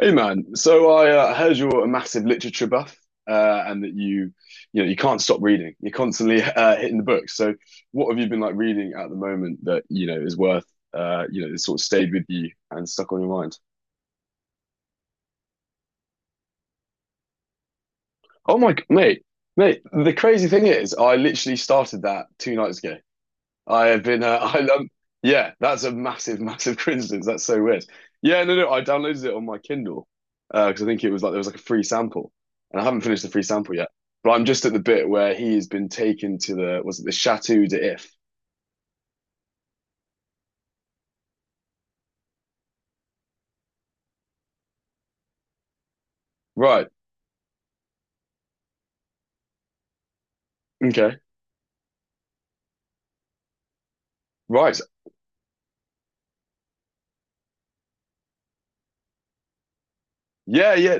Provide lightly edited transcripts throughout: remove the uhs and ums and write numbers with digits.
Hey man, so I heard you're a massive literature buff, and that you can't stop reading. You're constantly hitting the books. So, what have you been like reading at the moment that you know is worth, that sort of stayed with you and stuck on your mind? Oh my, mate. The crazy thing is, I literally started that 2 nights ago. I have been. I yeah, that's a massive, massive coincidence. That's so weird. Yeah, no, no, I downloaded it on my Kindle because I think it was like there was like a free sample, and I haven't finished the free sample yet. But I'm just at the bit where he has been taken to the was it the Chateau de If? Right. Okay. Right. Yeah. Yeah.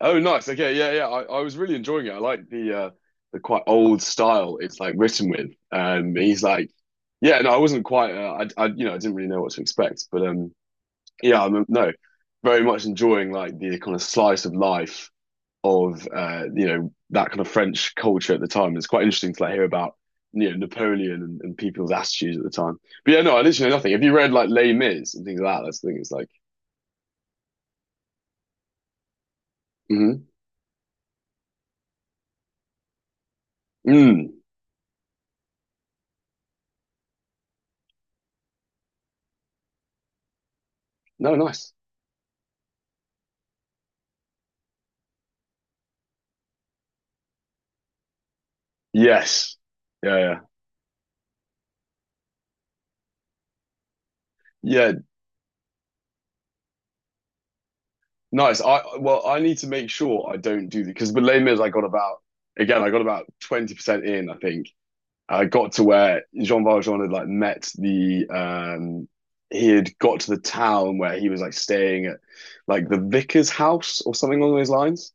Oh, nice. Okay. Yeah. Yeah. I was really enjoying it. I like the quite old style it's like written with. He's like, yeah. No, I wasn't quite. I you know I didn't really know what to expect, but. Yeah, I'm no, very much enjoying like the kind of slice of life of you know that kind of French culture at the time. It's quite interesting to like hear about you know Napoleon and people's attitudes at the time. But yeah, no, I literally know nothing. Have you read like Les Mis and things like that? That's the thing. It's like, mhm. Mm. No, nice. Yes. Yeah, yeah, yeah. Nice. I Well, I need to make sure I don't do the because with Les Mis I got about again I got about 20% in I think, got to where Jean Valjean had like met the he had got to the town where he was like staying at like the vicar's house or something along those lines.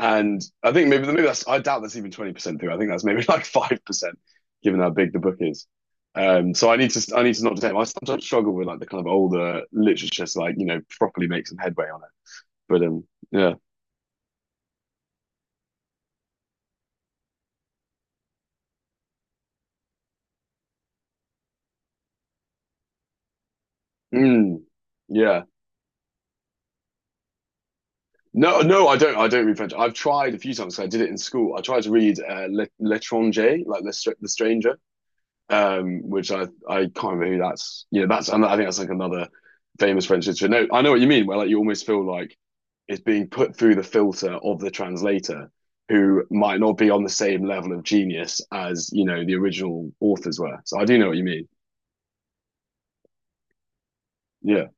And I think maybe that's I doubt that's even 20% through. I think that's maybe like 5%, given how big the book is. So I need to not detect. I sometimes struggle with like the kind of older literature to like you know properly make some headway on it. But yeah, mm, yeah. No, no, I don't. I don't read French. I've tried a few times. I did it in school. I tried to read L'Étranger, like the Stranger, which I can't remember who that's. Yeah, that's. I think that's like another famous French literature. No, I know what you mean. Where like you almost feel like it's being put through the filter of the translator, who might not be on the same level of genius as you know the original authors were. So I do know what you mean. Yeah,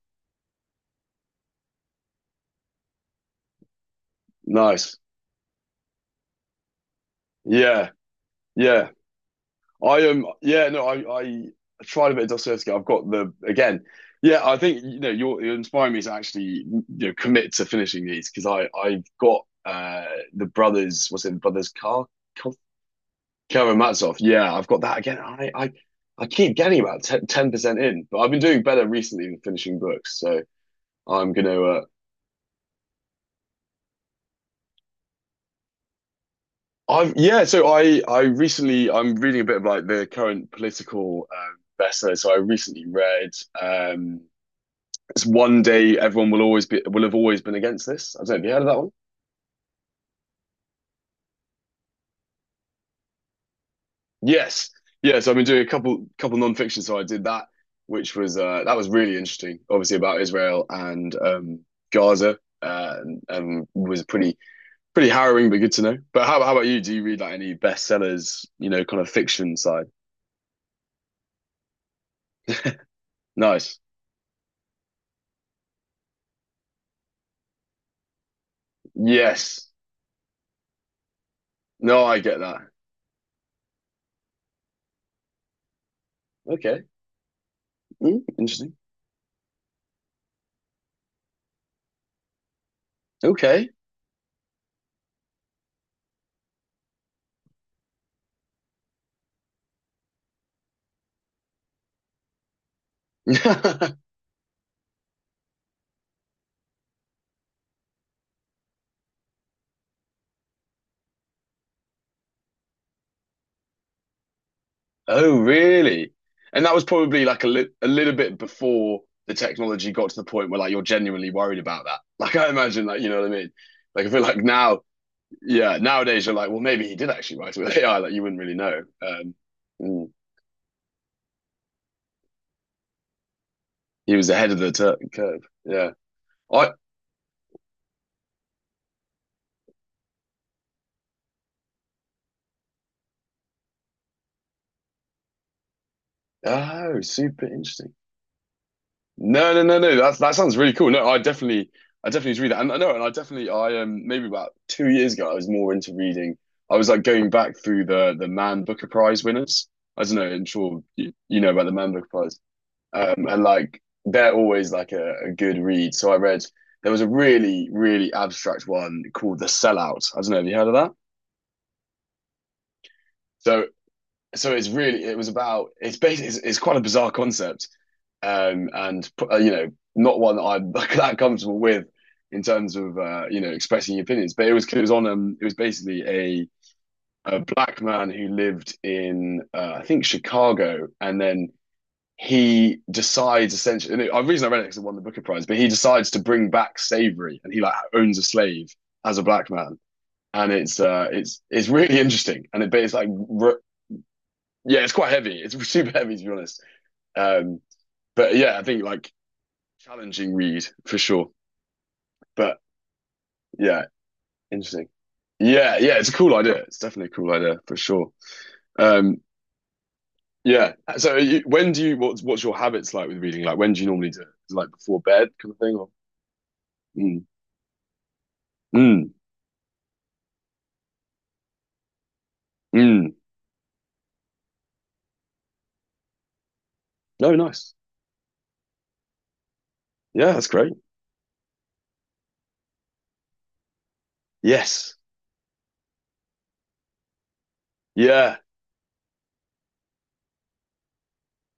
nice. Yeah, yeah. I am, yeah, no, I tried a bit of Dostoevsky. I've got the, again, yeah, I think, you know, you're inspiring me to actually, you know, commit to finishing these because I've got the brothers, what's it, brothers Kar- Karamazov. Yeah, I've got that again. I keep getting about 10, 10% in, but I've been doing better recently than finishing books. So I'm going to, I've, yeah, so I recently, I'm reading a bit of like the current political, bestseller. So I recently read, um, it's one day everyone will always be will have always been against this. I don't know, have you heard of that one? Yes. Yeah, so I've been doing a couple non-fiction. So I did that, which was really interesting, obviously about Israel and Gaza. And was pretty harrowing but good to know. But how about you? Do you read like any bestsellers, you know, kind of fiction side? Nice. Yes. No, I get that. Okay. Mm, interesting. Okay. Oh, really? And that was probably like a little bit before the technology got to the point where like you're genuinely worried about that. Like I imagine, like you know what I mean? Like I feel like now, yeah, nowadays you're like, well, maybe he did actually write it with AI. Like you wouldn't really know. Mm. He was ahead of the tur curve. Yeah. I Oh, super interesting. No, no, no, no. That sounds really cool. No, I definitely need to read that, and I know, and I definitely, I maybe about 2 years ago, I was more into reading. I was like going back through the Man Booker Prize winners. I don't know, I'm sure you know about the Man Booker Prize, and like they're always like a good read. So I read there was a really, really abstract one called The Sellout. I don't know, have you heard of that? So, so it's really, it was about, it's basically, it's quite a bizarre concept. Um, and you know, not one that I'm that comfortable with in terms of you know expressing opinions. But it was on it was basically a black man who lived in I think Chicago, and then he decides essentially. And the reason I read it because it won the Booker Prize, but he decides to bring back slavery, and he like owns a slave as a black man, and it's really interesting, and it but it's like yeah, it's quite heavy. It's super heavy to be honest. Um, but yeah, I think like challenging read for sure. But yeah, interesting. Yeah, yeah, it's a cool idea. It's definitely a cool idea for sure. Um, yeah. So, you, when do you what's your habits like with reading? Like, when do you normally do it? Is it like before bed kind of thing? Or mm, mm, mm. No, nice. Yeah, that's great. Yes. Yeah.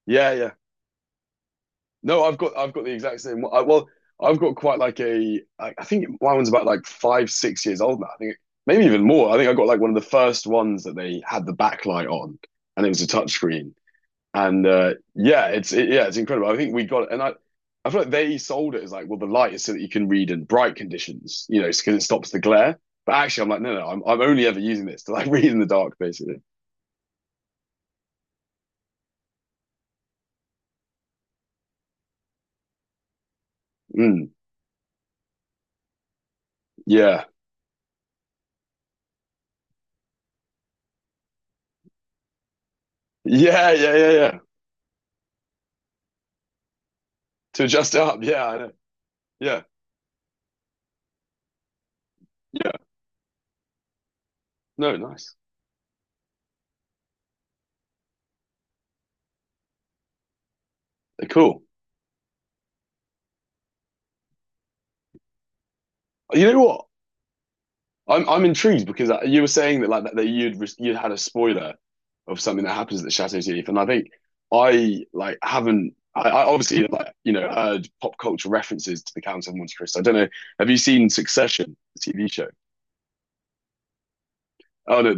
Yeah. Yeah. No, I've got the exact same. Well, I've got quite like a. I think my one's about like 5, 6 years old now. I think maybe even more. I think I got like one of the first ones that they had the backlight on, and it was a touchscreen. And yeah, yeah, it's incredible. I think we got it, and I. I feel like they sold it as like, well, the light is so that you can read in bright conditions, you know, because it stops the glare. But actually, I'm like, no, no, I'm only ever using this to like read in the dark, basically. Mm, yeah, yeah, yeah, yeah, yeah. To adjust it up, yeah, I know. Yeah, yeah. No, nice. Cool. You know what? I'm intrigued because you were saying that that you'd had a spoiler of something that happens at the Chateau d'If, and I think I like haven't. I obviously like you know heard pop culture references to the Count of Monte Cristo. I don't know. Have you seen Succession, the TV show? Oh no,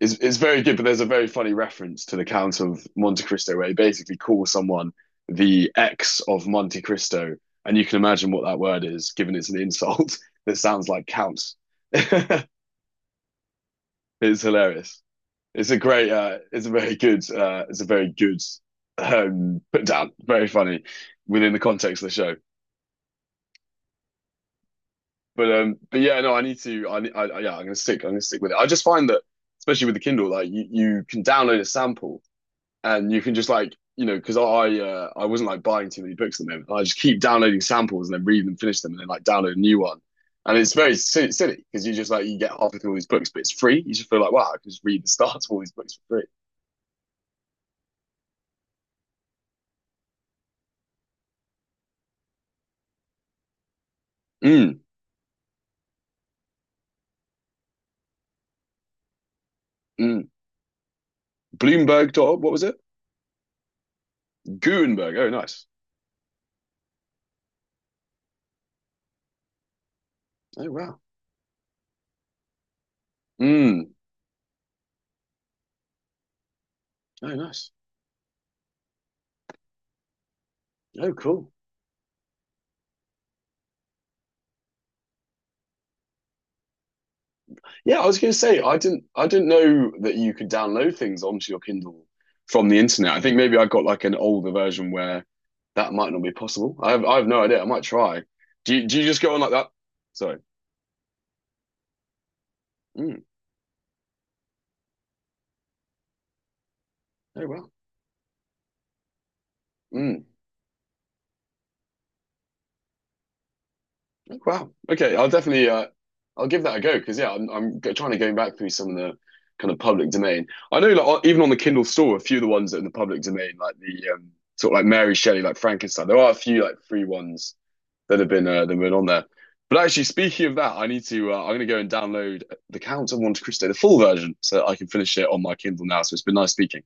it's very good, but there's a very funny reference to the Count of Monte Cristo where he basically calls someone the ex of Monte Cristo, and you can imagine what that word is, given it's an insult that sounds like counts. It's hilarious. It's a great, it's a very good, it's a very good put down. Very funny within the context of the show. But but yeah, no, I need to. Yeah, I'm gonna stick. I'm gonna stick with it. I just find that, especially with the Kindle, like you can download a sample and you can just like you know because I wasn't like buying too many books at the moment. I just keep downloading samples and then read them, finish them, and then like download a new one. And it's very silly because you just like you get halfway through all these books, but it's free. You just feel like wow, I can just read the start of all these books for free. Mm, mm. Bloomberg dot what was it? Gutenberg. Oh, nice. Oh, wow. Mm. Oh, nice. Oh, cool. Yeah, I was going to say I didn't know that you could download things onto your Kindle from the internet. I think maybe I got like an older version where that might not be possible. I have no idea. I might try. Do you just go on like that? Sorry. Mm. Oh, wow. Mm. Wow. Okay, I'll definitely I'll give that a go because yeah, I'm trying to go back through some of the kind of public domain. I know like even on the Kindle store, a few of the ones that are in the public domain, like the sort of like Mary Shelley, like Frankenstein. There are a few like free ones that have been on there. But actually, speaking of that, I need to I'm going to go and download The Count of Monte Cristo, the full version, so that I can finish it on my Kindle now. So it's been nice speaking.